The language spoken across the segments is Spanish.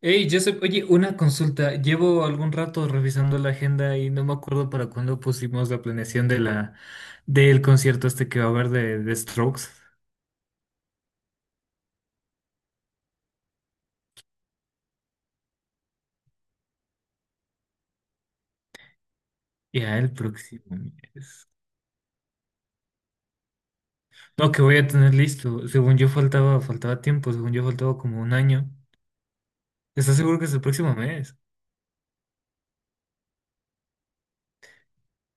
Hey, Joseph, oye, una consulta. Llevo algún rato revisando la agenda y no me acuerdo para cuándo pusimos la planeación de la del concierto este que va a haber de Strokes. ¿Ya el próximo mes? No, que voy a tener listo. Según yo faltaba, faltaba tiempo, según yo faltaba como un año. ¿Estás seguro que es el próximo mes?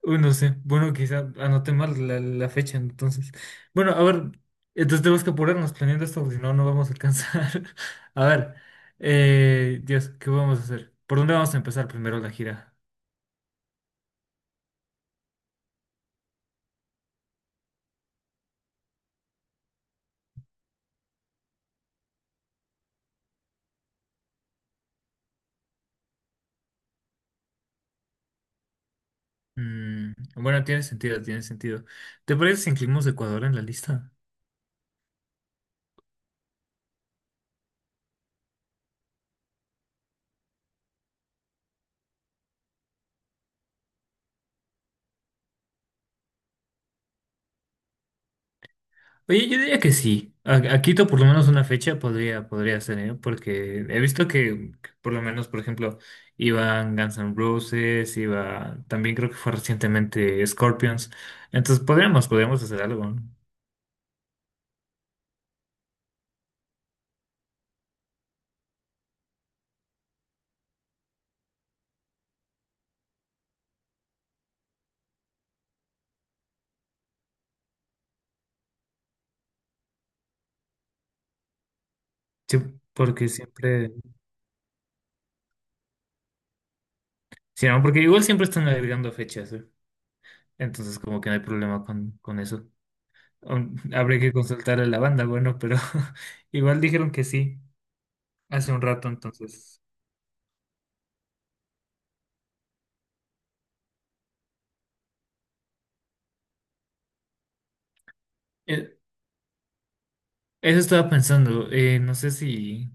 Uy, no sé. Bueno, quizá anoté mal la fecha, entonces. Bueno, a ver, entonces tenemos que apurarnos planeando esto, porque si no, no vamos a alcanzar. A ver, Dios, ¿qué vamos a hacer? ¿Por dónde vamos a empezar primero la gira? Mm, bueno, tiene sentido, tiene sentido. ¿Te parece si incluimos Ecuador en la lista? Oye, yo diría que sí. A Quito por lo menos una fecha podría, podría ser, ¿eh? Porque he visto que por lo menos, por ejemplo, iban Guns N' Roses, iba, también creo que fue recientemente Scorpions. Entonces podríamos, podríamos hacer algo, ¿no? Sí, porque siempre, sí, ¿no? Porque igual siempre están agregando fechas, ¿eh? Entonces como que no hay problema con eso. Aún habría que consultar a la banda, bueno, pero igual dijeron que sí hace un rato, entonces. eh, Eso estaba pensando, no sé si,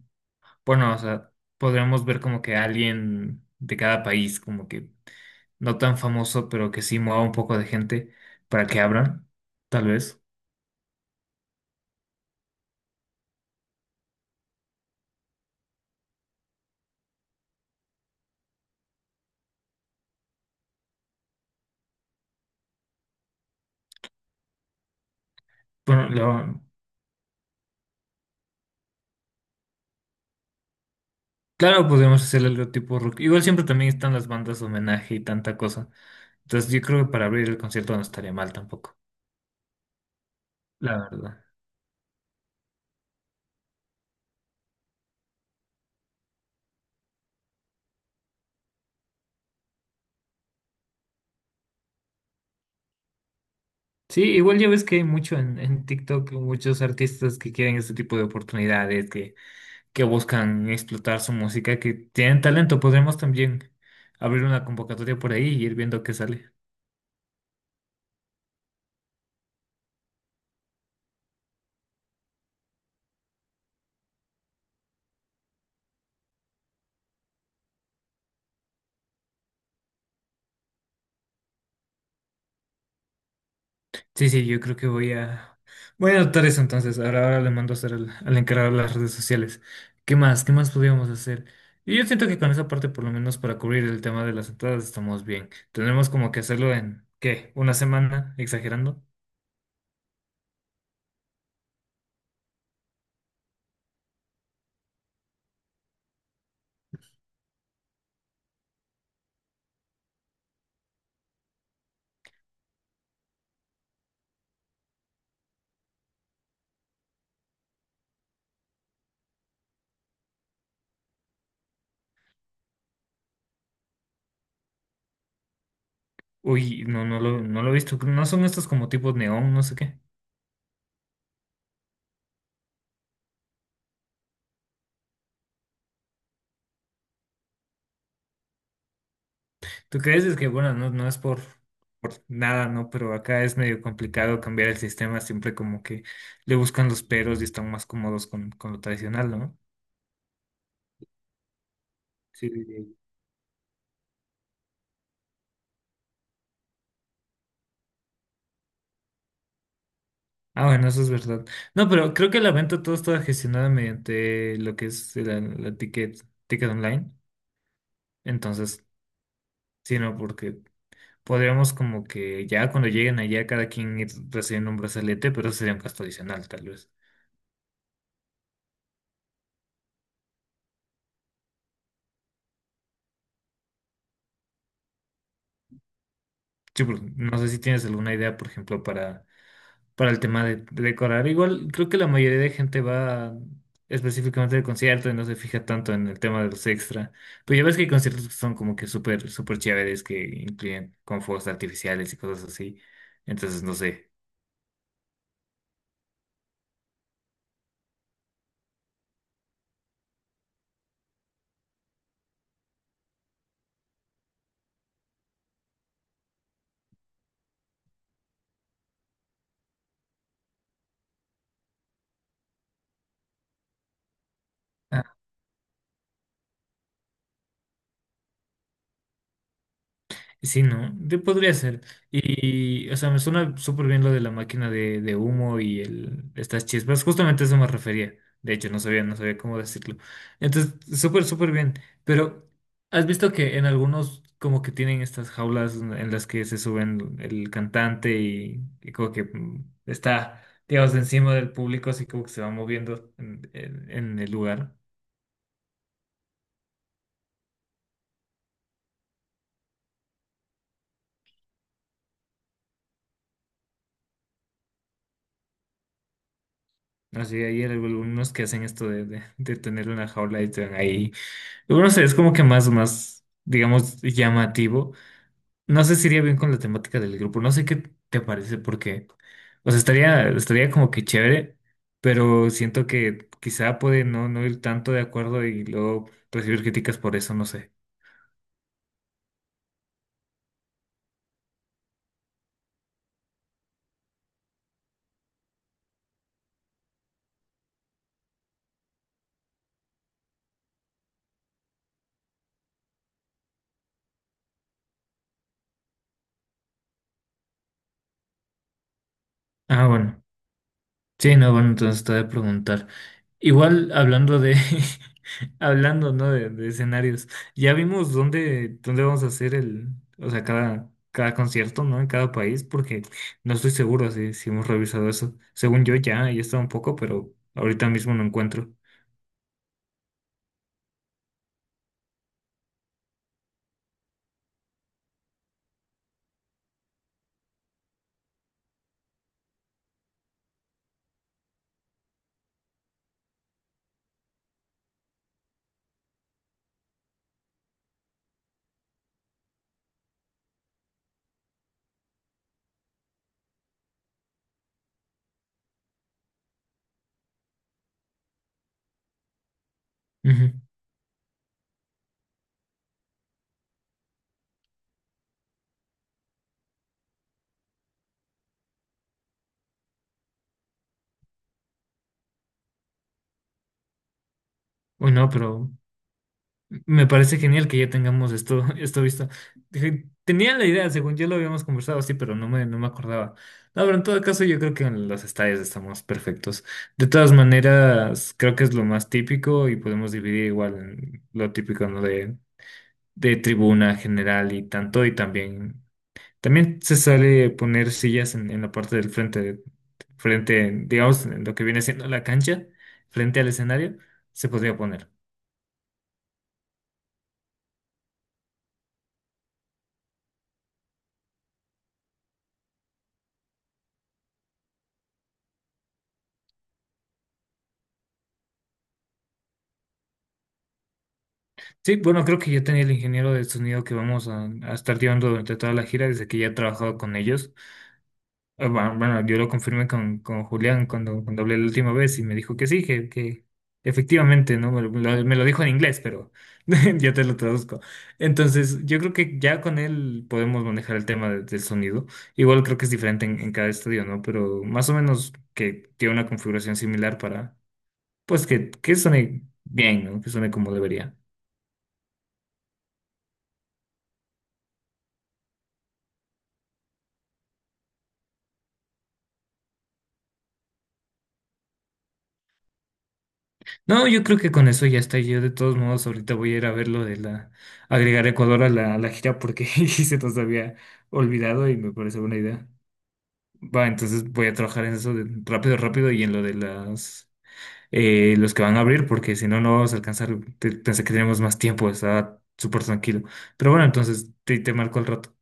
bueno, o sea, podríamos ver como que alguien de cada país, como que no tan famoso, pero que sí mueva un poco de gente para que abran, tal vez. Bueno, lo- claro, podríamos hacer algo tipo rock. Igual siempre también están las bandas de homenaje y tanta cosa. Entonces yo creo que para abrir el concierto no estaría mal tampoco, la verdad. Sí, igual ya ves que hay mucho en TikTok, muchos artistas que quieren este tipo de oportunidades, que buscan explotar su música, que tienen talento. Podremos también abrir una convocatoria por ahí y ir viendo qué sale. Sí, sí, yo creo que voy a anotar eso entonces. Ahora, ahora le mando a hacer al, al encargado de las redes sociales. ¿Qué más? ¿Qué más podríamos hacer? Y yo siento que con esa parte, por lo menos para cubrir el tema de las entradas, estamos bien. Tendremos como que hacerlo en, ¿qué? ¿Una semana? ¿Exagerando? Uy, no, no lo, no lo he visto. ¿No son estos como tipos neón, no sé qué? ¿Tú crees? Es que, bueno, no, no es por nada, ¿no? Pero acá es medio complicado cambiar el sistema, siempre como que le buscan los peros y están más cómodos con lo tradicional, ¿no? Sí, sí, sí. Ah, bueno, eso es verdad. No, pero creo que la venta todo está gestionada mediante lo que es la ticket, ticket online. Entonces, sí, no, porque podríamos como que ya cuando lleguen allá cada quien ir recibiendo un brazalete, pero sería un gasto adicional, tal vez. Sí, porque no sé si tienes alguna idea, por ejemplo, para el tema de decorar. Igual creo que la mayoría de gente va específicamente de concierto y no se fija tanto en el tema de los extra. Pero ya ves que hay conciertos que son como que súper, súper chéveres que incluyen con fuegos artificiales y cosas así. Entonces, no sé. Sí, ¿no? Podría ser. Y, o sea, me suena súper bien lo de la máquina de humo y el, estas chispas. Justamente a eso me refería. De hecho, no sabía, no sabía cómo decirlo. Entonces, súper, súper bien. Pero, ¿has visto que en algunos como que tienen estas jaulas en las que se suben el cantante y como que mm, está, digamos, encima del público, así como que se va moviendo en, en el lugar? Así, hay algunos que hacen esto de tener una jaula y están ahí. Yo creo que es como que más, más, digamos, llamativo. No sé si iría bien con la temática del grupo. No sé qué te parece, porque, o sea, estaría, estaría como que chévere, pero siento que quizá puede no, no ir tanto de acuerdo y luego recibir críticas por eso, no sé. Ah, bueno. Sí, no, bueno, entonces te voy a preguntar. Igual hablando de, hablando, ¿no? De escenarios, ya vimos dónde, dónde vamos a hacer el, o sea, cada, cada concierto, ¿no? En cada país, porque no estoy seguro si, si hemos revisado eso. Según yo ya, ya está un poco, pero ahorita mismo no encuentro. Ujú. Uy, no, pero me parece genial que ya tengamos esto, esto visto. Dije, tenía la idea, según yo lo habíamos conversado, así pero no me, no me acordaba. No, pero en todo caso yo creo que en los estadios estamos perfectos. De todas maneras, creo que es lo más típico y podemos dividir igual en lo típico, ¿no? De tribuna general y tanto, y también, también se sale poner sillas en la parte del frente, frente, digamos, en lo que viene siendo la cancha, frente al escenario, se podría poner. Sí, bueno, creo que ya tenía el ingeniero de sonido que vamos a estar llevando durante toda la gira, desde que ya he trabajado con ellos. Ah, bueno, bueno, yo lo confirmé con Julián cuando, cuando hablé la última vez y me dijo que sí, que efectivamente, ¿no? Me lo, me lo- me lo dijo en inglés, pero ya te lo traduzco. Entonces, yo creo que ya con él podemos manejar el tema del sonido. Igual creo que es diferente en cada estudio, ¿no? Pero más o menos que tiene una configuración similar para, pues, que suene bien, ¿no? Que suene como debería. No, yo creo que con eso ya está. Yo de todos modos ahorita voy a ir a ver lo de la agregar Ecuador a la gira porque se nos había olvidado y me parece buena idea. Va, entonces voy a trabajar en eso de rápido, rápido y en lo de las los que van a abrir porque si no no vamos a alcanzar. Pensé que teníamos más tiempo, estaba súper tranquilo. Pero bueno, entonces te marco al rato.